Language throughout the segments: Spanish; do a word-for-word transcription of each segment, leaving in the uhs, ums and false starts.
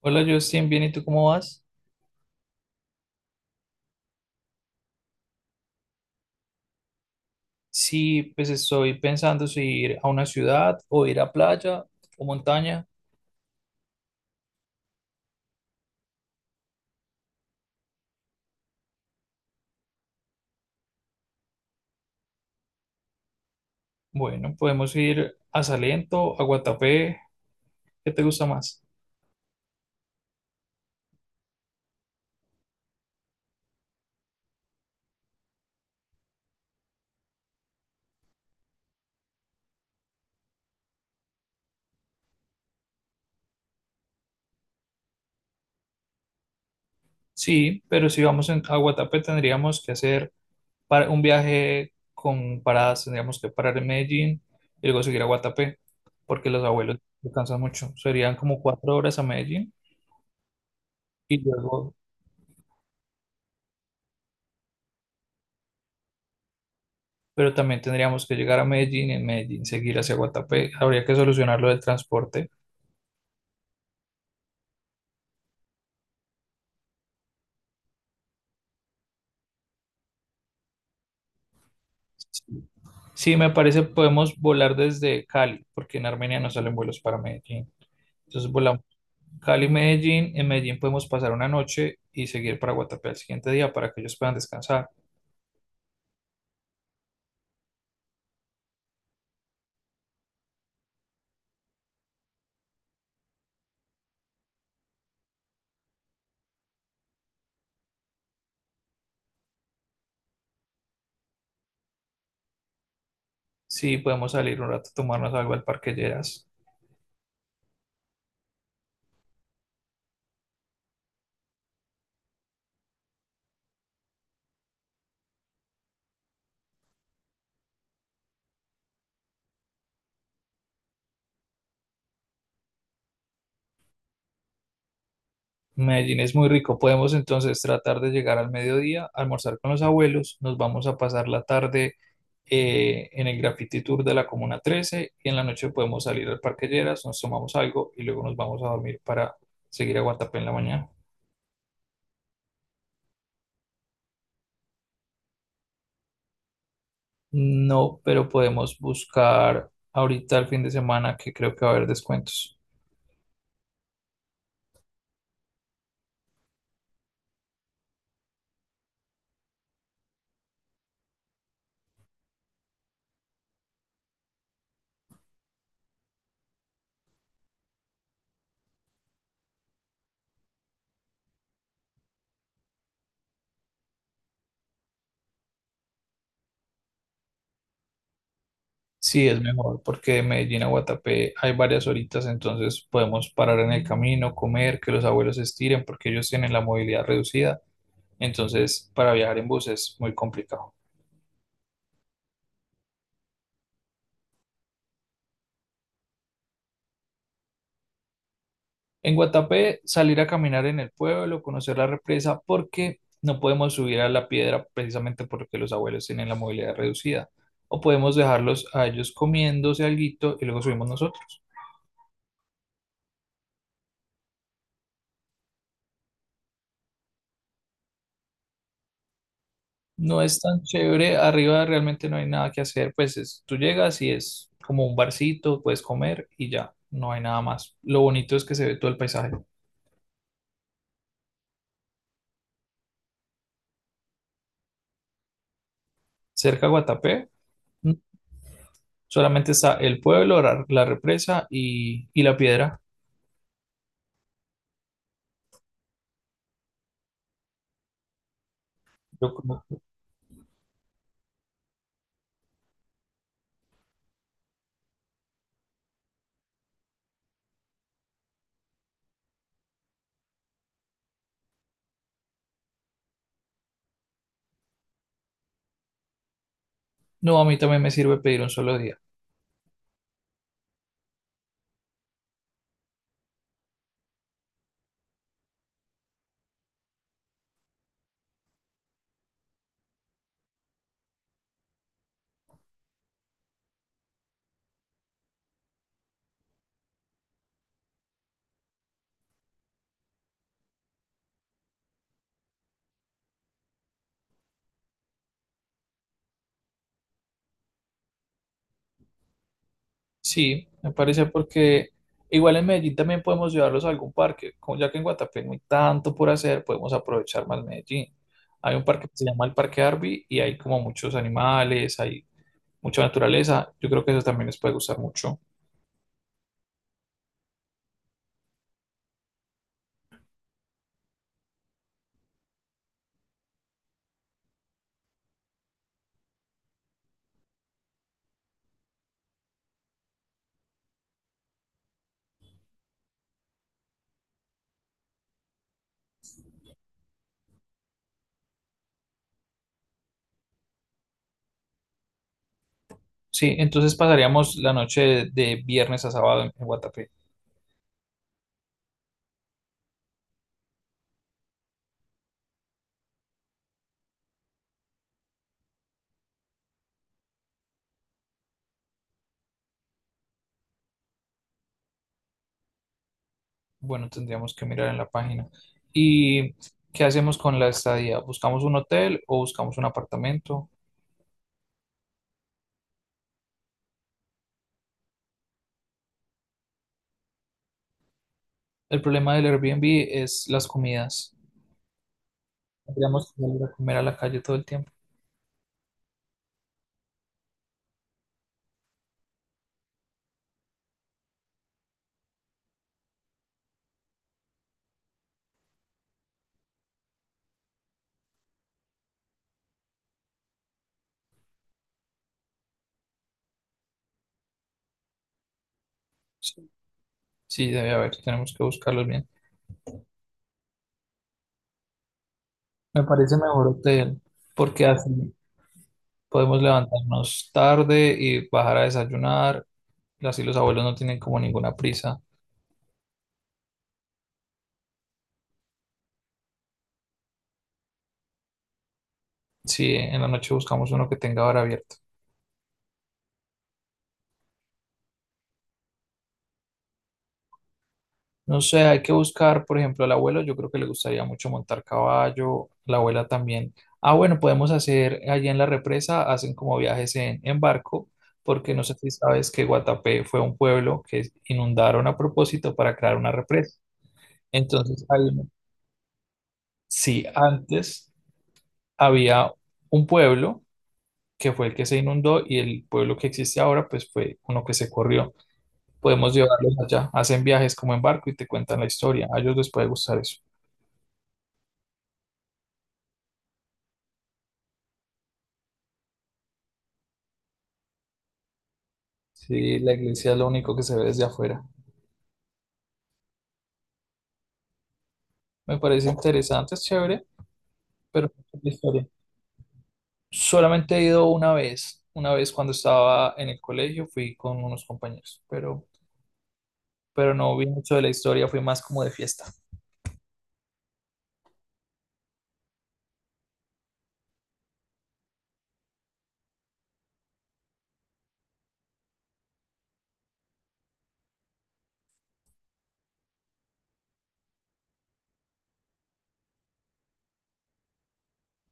Hola Justin, bien, ¿y tú cómo vas? Sí, pues estoy pensando si ir a una ciudad o ir a playa o montaña. Bueno, podemos ir a Salento, a Guatapé, ¿qué te gusta más? Sí, pero si vamos en- a Guatapé tendríamos que hacer para un viaje con paradas, tendríamos que parar en Medellín y luego seguir a Guatapé, porque los abuelos descansan mucho. Serían como cuatro horas a Medellín y luego pero también tendríamos que llegar a Medellín, en Medellín seguir hacia Guatapé. Habría que solucionar lo del transporte. Sí, me parece podemos volar desde Cali, porque en Armenia no salen vuelos para Medellín. Entonces volamos Cali-Medellín, en Medellín podemos pasar una noche y seguir para Guatapé al siguiente día para que ellos puedan descansar. Sí, podemos salir un rato a tomarnos algo al Parque Lleras. Medellín es muy rico. Podemos entonces tratar de llegar al mediodía, almorzar con los abuelos. Nos vamos a pasar la tarde eh, en el Graffiti Tour de la Comuna trece y en la noche podemos salir al Parque Lleras, nos tomamos algo y luego nos vamos a dormir para seguir a Guatapé en la mañana. No, pero podemos buscar ahorita el fin de semana que creo que va a haber descuentos. Sí, es mejor porque de Medellín a Guatapé hay varias horitas, entonces podemos parar en el camino, comer, que los abuelos se estiren porque ellos tienen la movilidad reducida. Entonces, para viajar en bus es muy complicado. En Guatapé, salir a caminar en el pueblo, conocer la represa, porque no podemos subir a la piedra precisamente porque los abuelos tienen la movilidad reducida. O podemos dejarlos a ellos comiéndose alguito y luego subimos nosotros. No es tan chévere, arriba realmente no hay nada que hacer, pues es, tú llegas y es como un barcito, puedes comer y ya, no hay nada más. Lo bonito es que se ve todo el paisaje. Cerca a Guatapé, solamente está el pueblo, la, la represa y, y la piedra. Yo como- no, a mí también me sirve pedir un solo día. Sí, me parece porque igual en Medellín también podemos llevarlos a algún parque. Como ya que en Guatapé no hay tanto por hacer, podemos aprovechar más Medellín. Hay un parque que se llama el Parque Arby y hay como muchos animales, hay mucha naturaleza. Yo creo que eso también les puede gustar mucho. Sí, entonces pasaríamos la noche de, de viernes a sábado en, en Guatapé. Bueno, tendríamos que mirar en la página. ¿Y qué hacemos con la estadía? ¿Buscamos un hotel o buscamos un apartamento? El problema del Airbnb es las comidas. Tendríamos que salir a comer a la calle todo el tiempo. Sí. Sí, debe haber, tenemos que buscarlos bien. Me parece mejor hotel, porque así podemos levantarnos tarde y bajar a desayunar. Así los abuelos no tienen como ninguna prisa. Sí, en la noche buscamos uno que tenga hora abierta. No sé, hay que buscar, por ejemplo, al abuelo, yo creo que le gustaría mucho montar caballo, la abuela también. Ah, bueno, podemos hacer allí en la represa, hacen como viajes en, en barco, porque no sé si sabes que Guatapé fue un pueblo que inundaron a propósito para crear una represa. Entonces, hay una- sí, antes había un pueblo que fue el que se inundó y el pueblo que existe ahora, pues fue uno que se corrió. Podemos llevarlos allá, hacen viajes como en barco y te cuentan la historia. A ellos les puede gustar eso. Sí, la iglesia es lo único que se ve desde afuera. Me parece interesante, es chévere, pero no sé la historia. Solamente he ido una vez, una vez cuando estaba en el colegio, fui con unos compañeros, pero, pero no vi mucho de la historia, fui más como de fiesta.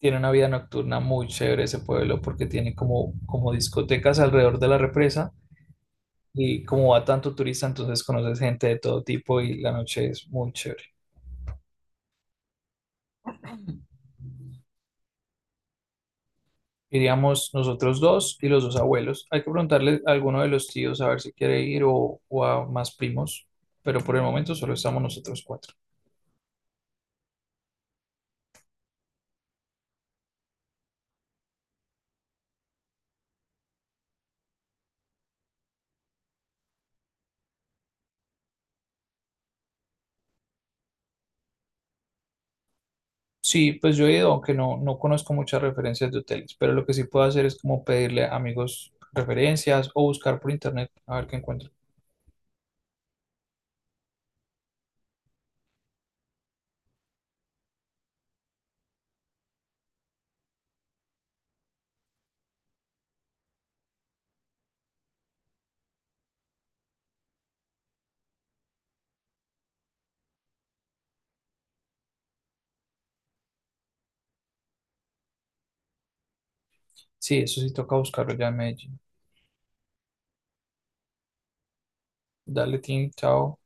Tiene una vida nocturna muy chévere ese pueblo porque tiene como, como discotecas alrededor de la represa y como va tanto turista, entonces conoces gente de todo tipo y la noche es muy chévere. Iríamos nosotros dos y los dos abuelos. Hay que preguntarle a alguno de los tíos a ver si quiere ir o, o a más primos, pero por el momento solo estamos nosotros cuatro. Sí, pues yo he ido, aunque no, no conozco muchas referencias de hoteles, pero lo que sí puedo hacer es como pedirle a amigos referencias o buscar por internet a ver qué encuentro. Sí, eso sí toca buscarlo ya en Medellín. Dale, Tim, chao.